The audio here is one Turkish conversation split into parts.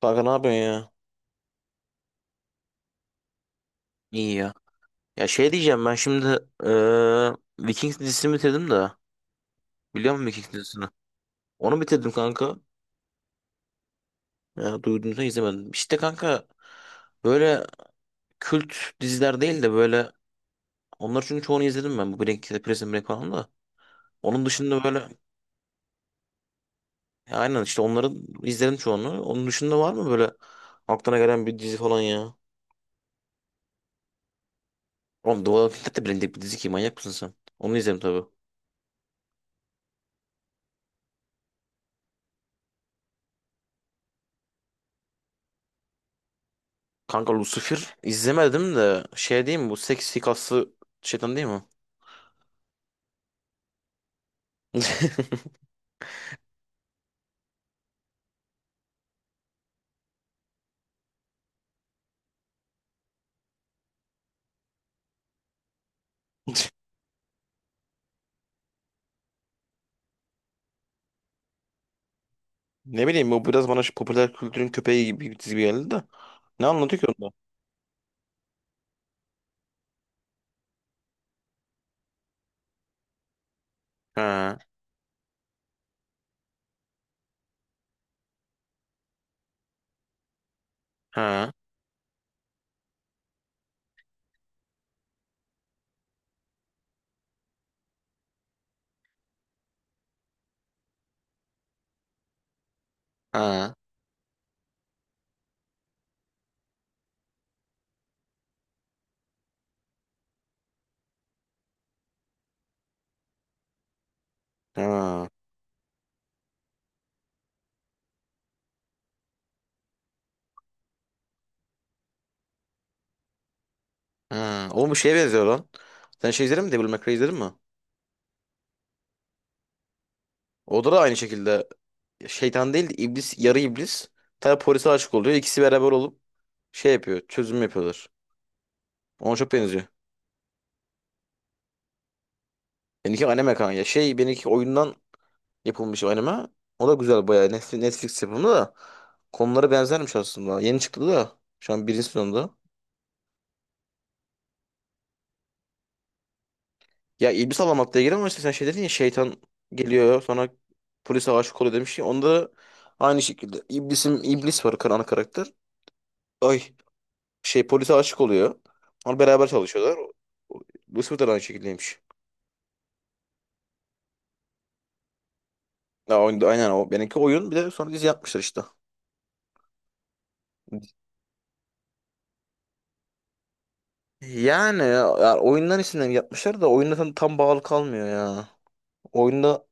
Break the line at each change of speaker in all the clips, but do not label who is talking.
Kanka ne yapıyorsun ya? İyi ya. Ya şey diyeceğim ben şimdi, Vikings dizisini bitirdim de. Biliyor musun Vikings dizisini? Onu bitirdim kanka. Ya, duyduğunuzda izlemedim. İşte kanka, böyle kült diziler değil de böyle onlar, çünkü çoğunu izledim ben. Bu Breaking Prison Break falan da. Onun dışında böyle, ya aynen işte onları izledim çoğunu. Onun dışında var mı böyle aklına gelen bir dizi falan ya? Oğlum The Walking Dead de bilindik bir dizi ki, manyak mısın sen? Onu izledim tabii. Kanka Lucifer izlemedim de şey diyeyim mi, bu seksi kaslı şeytan değil mi? Ne bileyim, bu biraz bana şu popüler kültürün köpeği gibi bir çizgi geldi de. Ne anlatıyor ki onda? Ha ha ha ha ha. Oğlum bu şeye benziyor lan. Sen şey izledin mi? Devil May Cry izledin mi? O da aynı şekilde şeytan değil de iblis, yarı iblis. Tabi polise aşık oluyor. İkisi beraber olup şey yapıyor. Çözüm yapıyorlar. Ona çok benziyor. Benimki anime kanka. Şey, benimki oyundan yapılmış anime. O da güzel bayağı. Netflix yapımı da, konuları benzermiş aslında. Yeni çıktı da şu an birinci sezonda. Ya iblis Alamak diye giriyor ama işte sen şey dedin ya, şeytan geliyor sonra polise aşık oluyor demiş ya. Onda aynı şekilde iblisim iblis var, ana karakter. Ay şey, polise aşık oluyor. Onlar beraber çalışıyorlar. Lucifer da aynı şekildeymiş. Ya, aynen o. Benimki oyun, bir de sonra dizi yapmışlar işte. Yani, ya, oyundan isimlerini yapmışlar da oyunda tam bağlı kalmıyor ya. Oyunda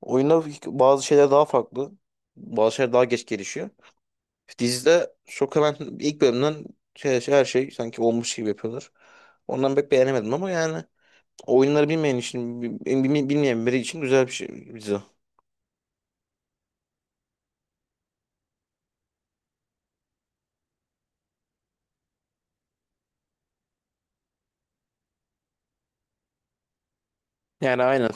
Oyunda bazı şeyler daha farklı. Bazı şeyler daha geç gelişiyor. Dizide çok hemen ilk bölümden her şey sanki olmuş gibi yapıyorlar. Ondan pek beğenemedim ama yani oyunları bilmeyen için, bilmeyen biri için güzel bir şey dizi. Yani aynen.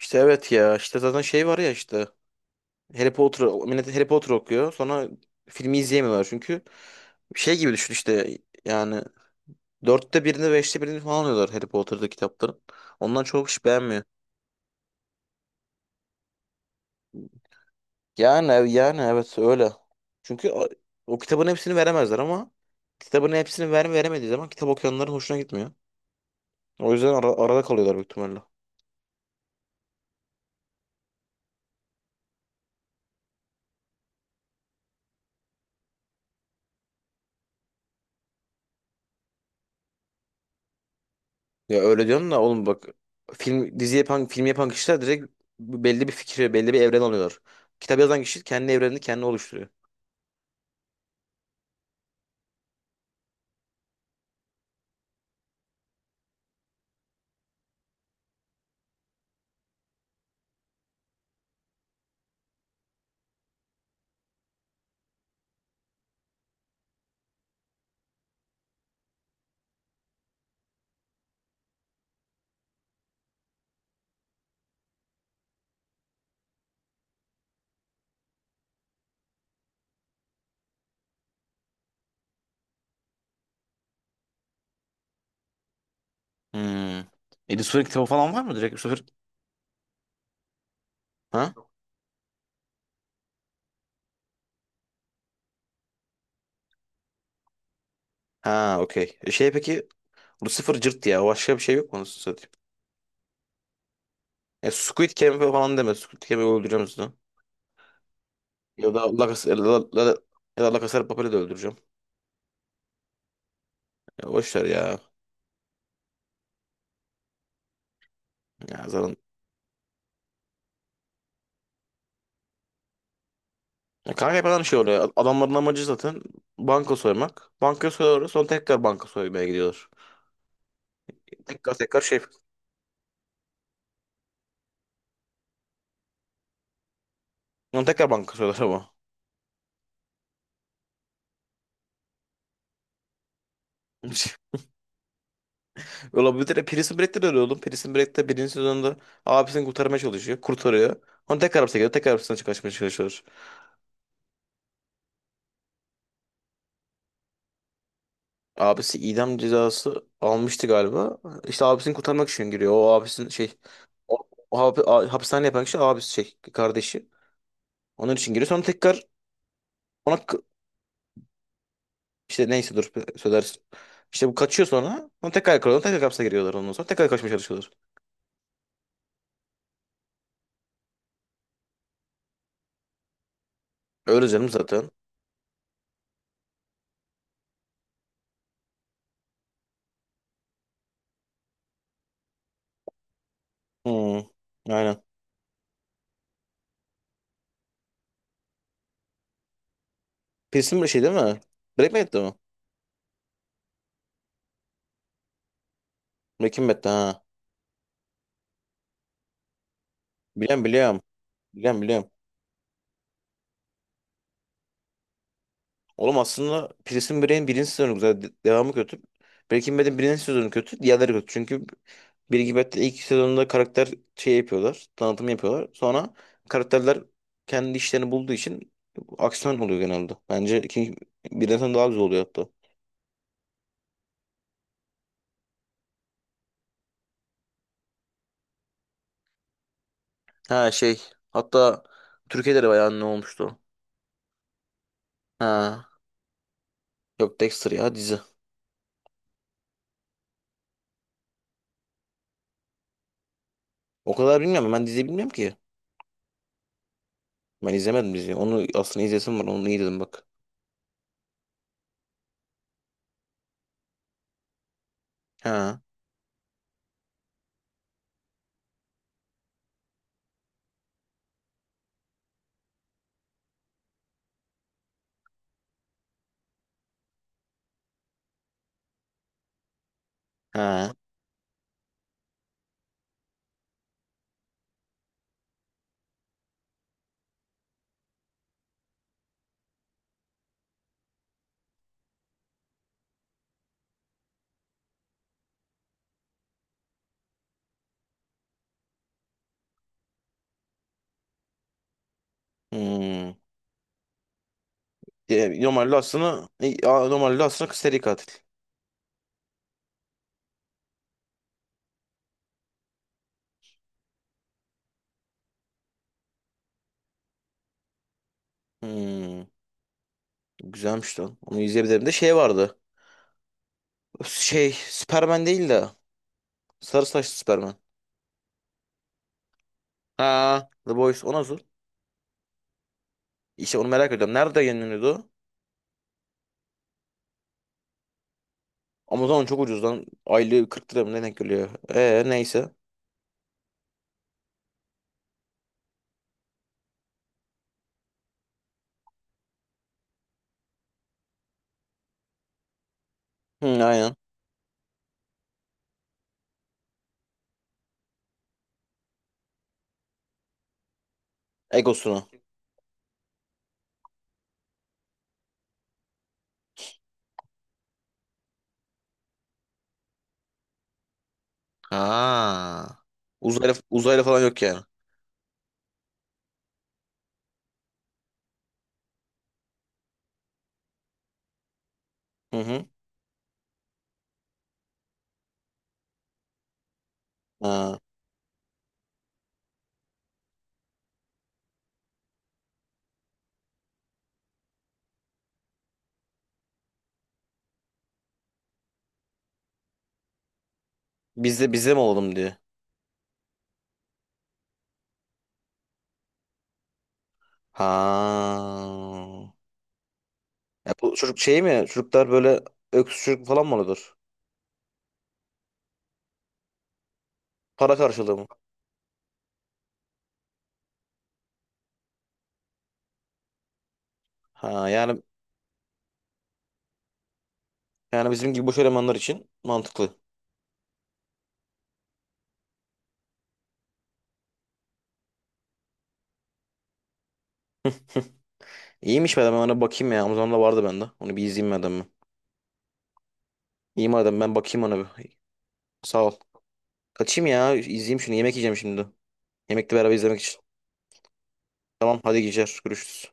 İşte evet ya, işte zaten şey var ya işte, Harry Potter, millet Harry Potter okuyor sonra filmi izleyemiyorlar çünkü şey gibi düşün işte, yani dörtte birini beşte birini falan alıyorlar Harry Potter'da kitapların. Ondan çok kişi beğenmiyor. Yani yani evet, öyle. Çünkü o, o kitabın hepsini veremezler ama kitabın hepsini veremediği zaman kitap okuyanların hoşuna gitmiyor. O yüzden arada kalıyorlar büyük ihtimalle. Ya öyle diyorsun da oğlum bak, film dizi yapan, film yapan kişiler direkt belli bir fikri, belli bir evren alıyorlar. Kitap yazan kişi kendi evrenini kendi oluşturuyor. Hmm. Edis Suvar'ın kitabı falan var mı direkt? Bu sefer Ha? Ha okey. E şey peki, bu sıfır cırt ya. Başka bir şey yok mu anasını satayım? Ya Squid Game falan deme. Squid Game'i öldüreceğim sizi. Ya da La Casa, ya da, La, La- ya da La Casa de Papel'i de öldüreceğim. Ya boş ver ya. Ya zaten. Ya kanka hep aynı şey oluyor. Adamların amacı zaten banka soymak. Banka soyuyorlar sonra tekrar banka soymaya gidiyorlar. Tekrar tekrar şey. Sonra tekrar banka soyuyorlar ama. Öyle, bir de Prison Break'te de öyle oğlum. Prison Break'te birinci sezonda abisini kurtarmaya çalışıyor. Kurtarıyor. Sonra tekrar hapse giriyor. Tekrar hapisten kaçmaya çalışıyor. Abisi idam cezası almıştı galiba. İşte abisini kurtarmak için giriyor. O abisinin şey, o, o hapishane yapan kişi abisi, şey, kardeşi. Onun için giriyor. Sonra tekrar ona k- işte neyse dur söylersin. İşte bu kaçıyor sonra. Sonra tekrar yakalıyorlar. Tekrar hapse giriyorlar ondan sonra. Tekrar kaçmaya çalışıyorlar. Öyle canım zaten. Hmm, aynen. Pilsin bir şey değil mi? Breaking Bad'de mi? Breaking Bad'de ha. Biliyorum, biliyorum. Biliyorum, biliyorum. Oğlum aslında Prison Break'in birinci sezonu güzel. Devamı kötü. Breaking Bad'in birinci sezonu kötü. Diğerleri kötü. Çünkü Breaking Bad'de ilk sezonunda karakter şey yapıyorlar. Tanıtım yapıyorlar. Sonra karakterler kendi işlerini bulduğu için aksiyon oluyor genelde. Bence ikinci, birden sonra daha güzel oluyor hatta. Ha şey. Hatta Türkiye'de de bayağı ne olmuştu. Ha. Yok Dexter ya, dizi. O kadar bilmiyorum. Ben dizi bilmiyorum ki. Ben izlemedim diziyi. Onu aslında izlesim var. Onu iyi dedim bak. Ha. Ha. Hmm. E, normalde aslında, normalde aslında seri katil. Hmm, güzelmiş lan. Onu izleyebilirim. De şey vardı. Şey Superman değil de, sarı saçlı Superman. Ha, The Boys, o nasıl? İşte onu merak ediyorum. Nerede yayınlanıyordu o? Amazon çok ucuz lan. Aylığı 40 lira mı ne denk geliyor? Neyse. Hı, aynen. Egosunu. Ha. Uzaylı, uzaylı falan yok yani. Hı hı. Ha. Bizde, mi olalım diye. Ha. Ya bu çocuk şey mi? Çocuklar böyle öksürük falan mı oluyordur? Para karşılığı mı? Ha yani, yani bizim gibi boş elemanlar için mantıklı. İyiymiş, madem ben ona bakayım ya. Amazon'da da vardı bende. Onu bir izleyeyim madem ben. İyi madem, ben bakayım ona bir. Sağ ol. Kaçayım ya. İzleyeyim şunu. Yemek yiyeceğim şimdi. Yemekle beraber izlemek için. Tamam hadi, geceler. Görüşürüz.